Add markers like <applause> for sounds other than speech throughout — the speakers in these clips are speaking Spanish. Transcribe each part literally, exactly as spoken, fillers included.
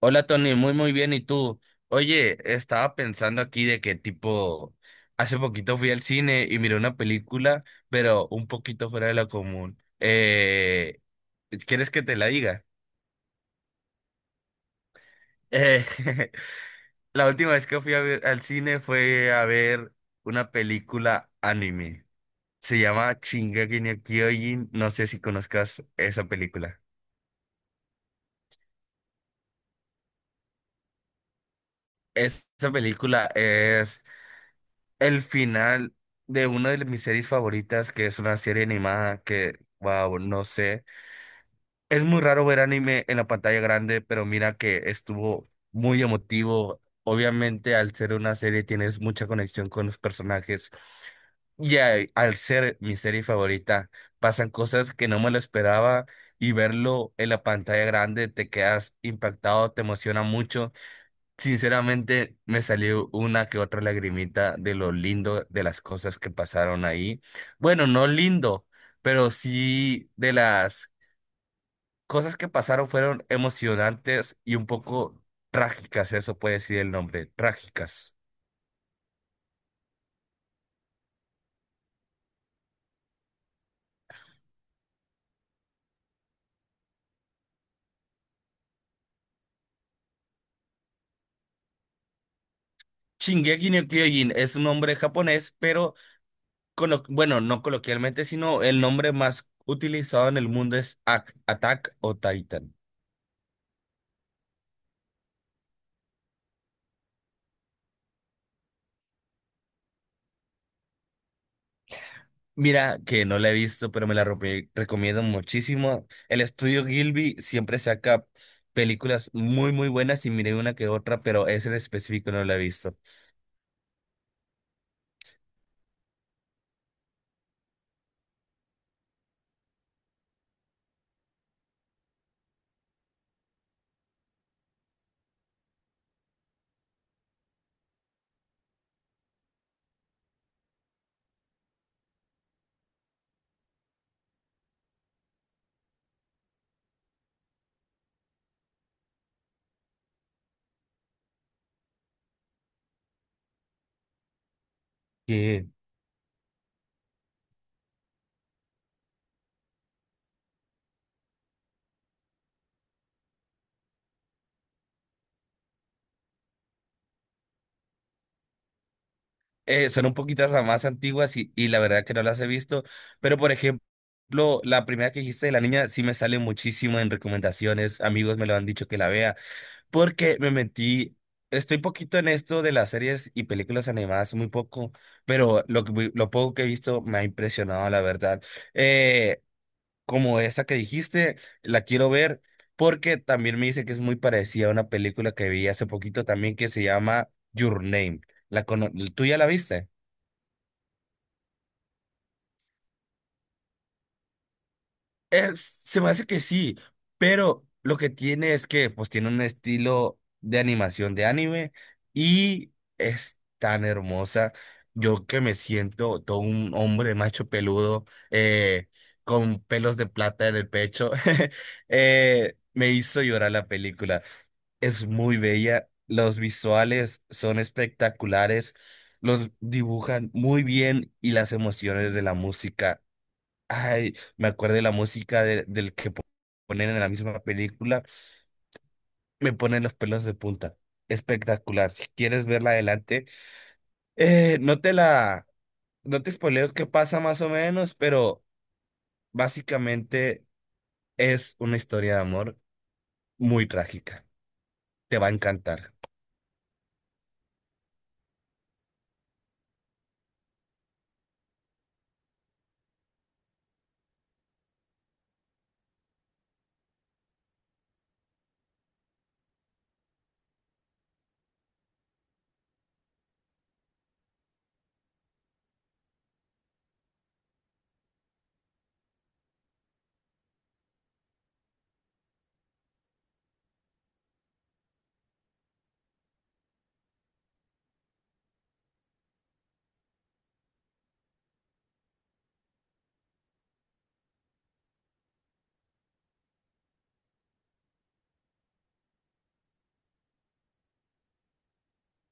Hola Tony, muy muy bien. ¿Y tú? Oye, estaba pensando aquí de que tipo, hace poquito fui al cine y miré una película, pero un poquito fuera de lo común. Eh, ¿quieres que te la diga? Eh, <laughs> la última vez que fui a ver al cine fue a ver una película anime. Se llama Shingeki no Kyojin. No sé si conozcas esa película. Esa película es el final de una de mis series favoritas, que es una serie animada que, wow, no sé. Es muy raro ver anime en la pantalla grande, pero mira que estuvo muy emotivo. Obviamente, al ser una serie tienes mucha conexión con los personajes. Y al al ser mi serie favorita, pasan cosas que no me lo esperaba y verlo en la pantalla grande te quedas impactado, te emociona mucho. Sinceramente, me salió una que otra lagrimita de lo lindo de las cosas que pasaron ahí. Bueno, no lindo, pero sí de las cosas que pasaron fueron emocionantes y un poco trágicas, eso puede decir el nombre, trágicas. Shingeki no Kyojin es un nombre japonés, pero colo- bueno, no coloquialmente, sino el nombre más utilizado en el mundo es Ac- Attack o Titan. Mira, que no la he visto, pero me la re- recomiendo muchísimo. El estudio Gilby siempre saca películas muy, muy buenas y miré una que otra, pero esa en específico no la he visto. Que eh, son un poquito más antiguas y, y la verdad que no las he visto, pero por ejemplo, la primera que dijiste de la niña sí me sale muchísimo en recomendaciones. Amigos me lo han dicho que la vea. Porque me metí, estoy poquito en esto de las series y películas animadas, muy poco, pero lo que, vi- lo poco que he visto me ha impresionado, la verdad. Eh, Como esa que dijiste, la quiero ver porque también me dice que es muy parecida a una película que vi hace poquito también que se llama Your Name. La cono- ¿Tú ya la viste? Es- se me hace que sí, pero lo que tiene es que pues tiene un estilo de animación de anime y es tan hermosa. Yo que me siento todo un hombre macho peludo eh, con pelos de plata en el pecho, <laughs> eh, me hizo llorar la película. Es muy bella, los visuales son espectaculares, los dibujan muy bien y las emociones de la música. Ay, me acuerdo de la música de- del que po- ponen en la misma película, me ponen los pelos de punta. Espectacular. Si quieres verla adelante, eh, no te la, no te spoileo qué pasa más o menos, pero básicamente es una historia de amor muy trágica. Te va a encantar.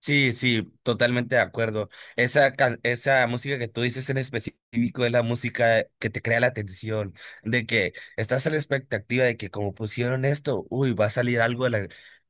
Sí, sí, totalmente de acuerdo. Esa, can- esa música que tú dices en específico es la música que te crea la tensión, de que estás a la expectativa de que como pusieron esto, uy, va a salir algo en la,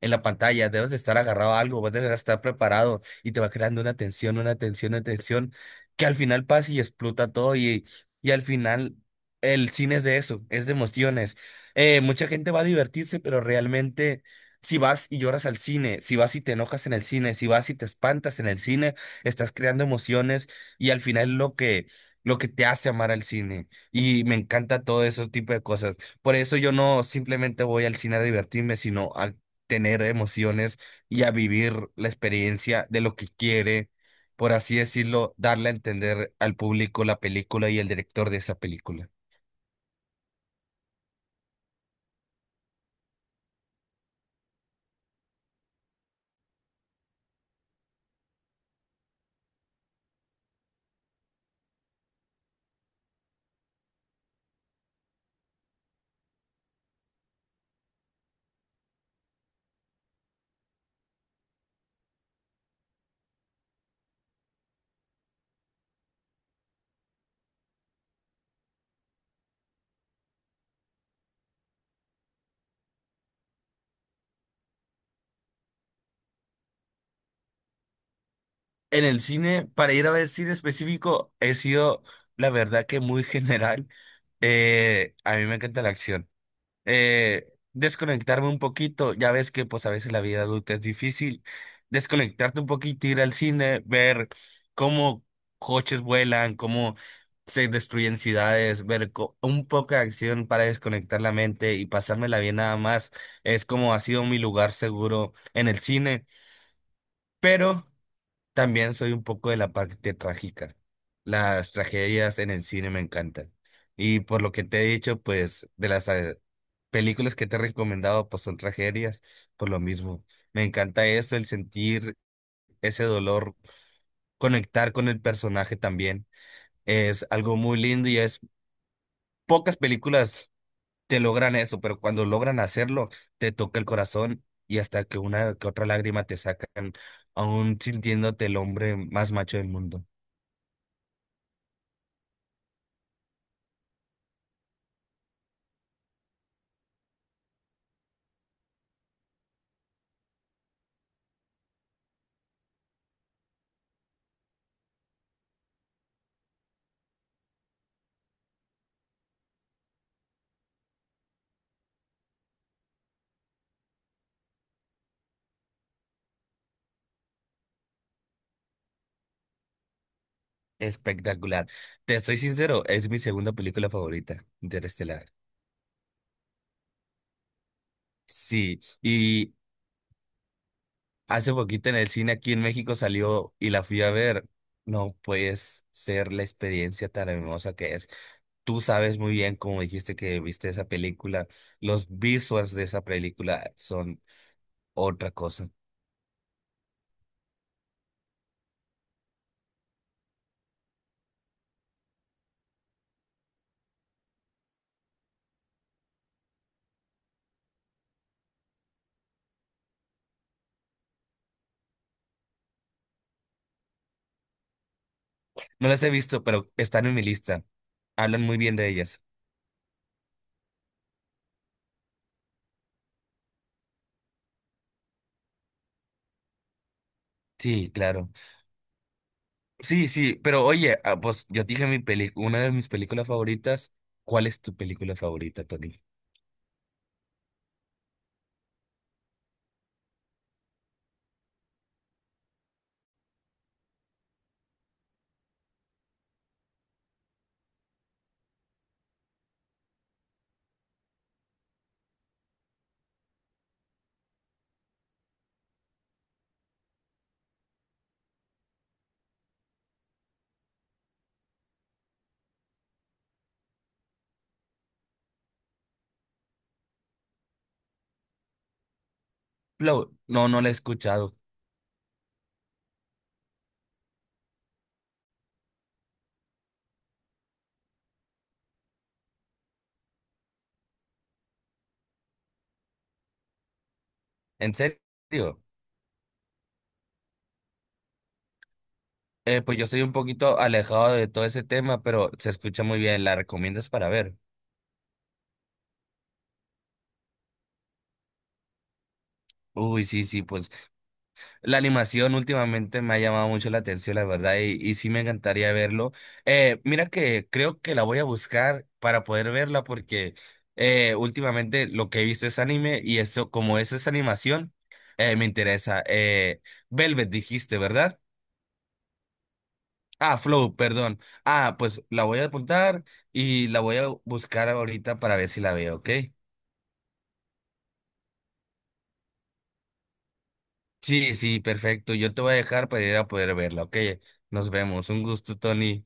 en la pantalla, debes de estar agarrado a algo, vas a estar preparado y te va creando una tensión, una tensión, una tensión, que al final pasa y explota todo y, y al final el cine es de eso, es de emociones. Eh, mucha gente va a divertirse, pero realmente... Si vas y lloras al cine, si vas y te enojas en el cine, si vas y te espantas en el cine, estás creando emociones y al final lo que lo que te hace amar al cine. Y me encanta todo ese tipo de cosas. Por eso yo no simplemente voy al cine a divertirme, sino a tener emociones y a vivir la experiencia de lo que quiere, por así decirlo, darle a entender al público la película y el director de esa película. En el cine, para ir a ver cine específico, he sido, la verdad que muy <laughs> general. Eh, a mí me encanta la acción. Eh, Desconectarme un poquito, ya ves que pues a veces la vida adulta es difícil. Desconectarte un poquito, ir al cine, ver cómo coches vuelan, cómo se destruyen ciudades, ver co- un poco de acción para desconectar la mente y pasármela bien nada más. Es como ha sido mi lugar seguro en el cine, pero... También soy un poco de la parte trágica. Las tragedias en el cine me encantan. Y por lo que te he dicho, pues de las eh, películas que te he recomendado, pues son tragedias, por lo mismo. Me encanta eso, el sentir ese dolor, conectar con el personaje también. Es algo muy lindo y es pocas películas te logran eso, pero cuando logran hacerlo, te toca el corazón y hasta que una que otra lágrima te sacan, aún sintiéndote el hombre más macho del mundo. Espectacular. Te soy sincero, es mi segunda película favorita, Interestelar. Sí, y hace poquito en el cine aquí en México salió y la fui a ver. No puedes ser la experiencia tan hermosa que es. Tú sabes muy bien, como dijiste que viste esa película, los visuals de esa película son otra cosa. No las he visto, pero están en mi lista. Hablan muy bien de ellas. Sí, claro. Sí, sí, pero oye, ah, pues yo te dije mi peli, una de mis películas favoritas. ¿Cuál es tu película favorita, Tony? Flow, no, no la he escuchado. ¿En serio? Eh, pues yo estoy un poquito alejado de todo ese tema, pero se escucha muy bien. ¿La recomiendas para ver? Uy, sí, sí, pues. La animación últimamente me ha llamado mucho la atención, la verdad, y, y sí me encantaría verlo. Eh, mira que creo que la voy a buscar para poder verla porque eh, últimamente lo que he visto es anime y eso, como es esa animación, eh, me interesa. Eh, Velvet dijiste, ¿verdad? Ah, Flow, perdón. Ah, pues la voy a apuntar y la voy a buscar ahorita para ver si la veo, ¿ok? Sí, sí, perfecto. Yo te voy a dejar para ir a poder verla, ¿ok? Nos vemos. Un gusto, Tony.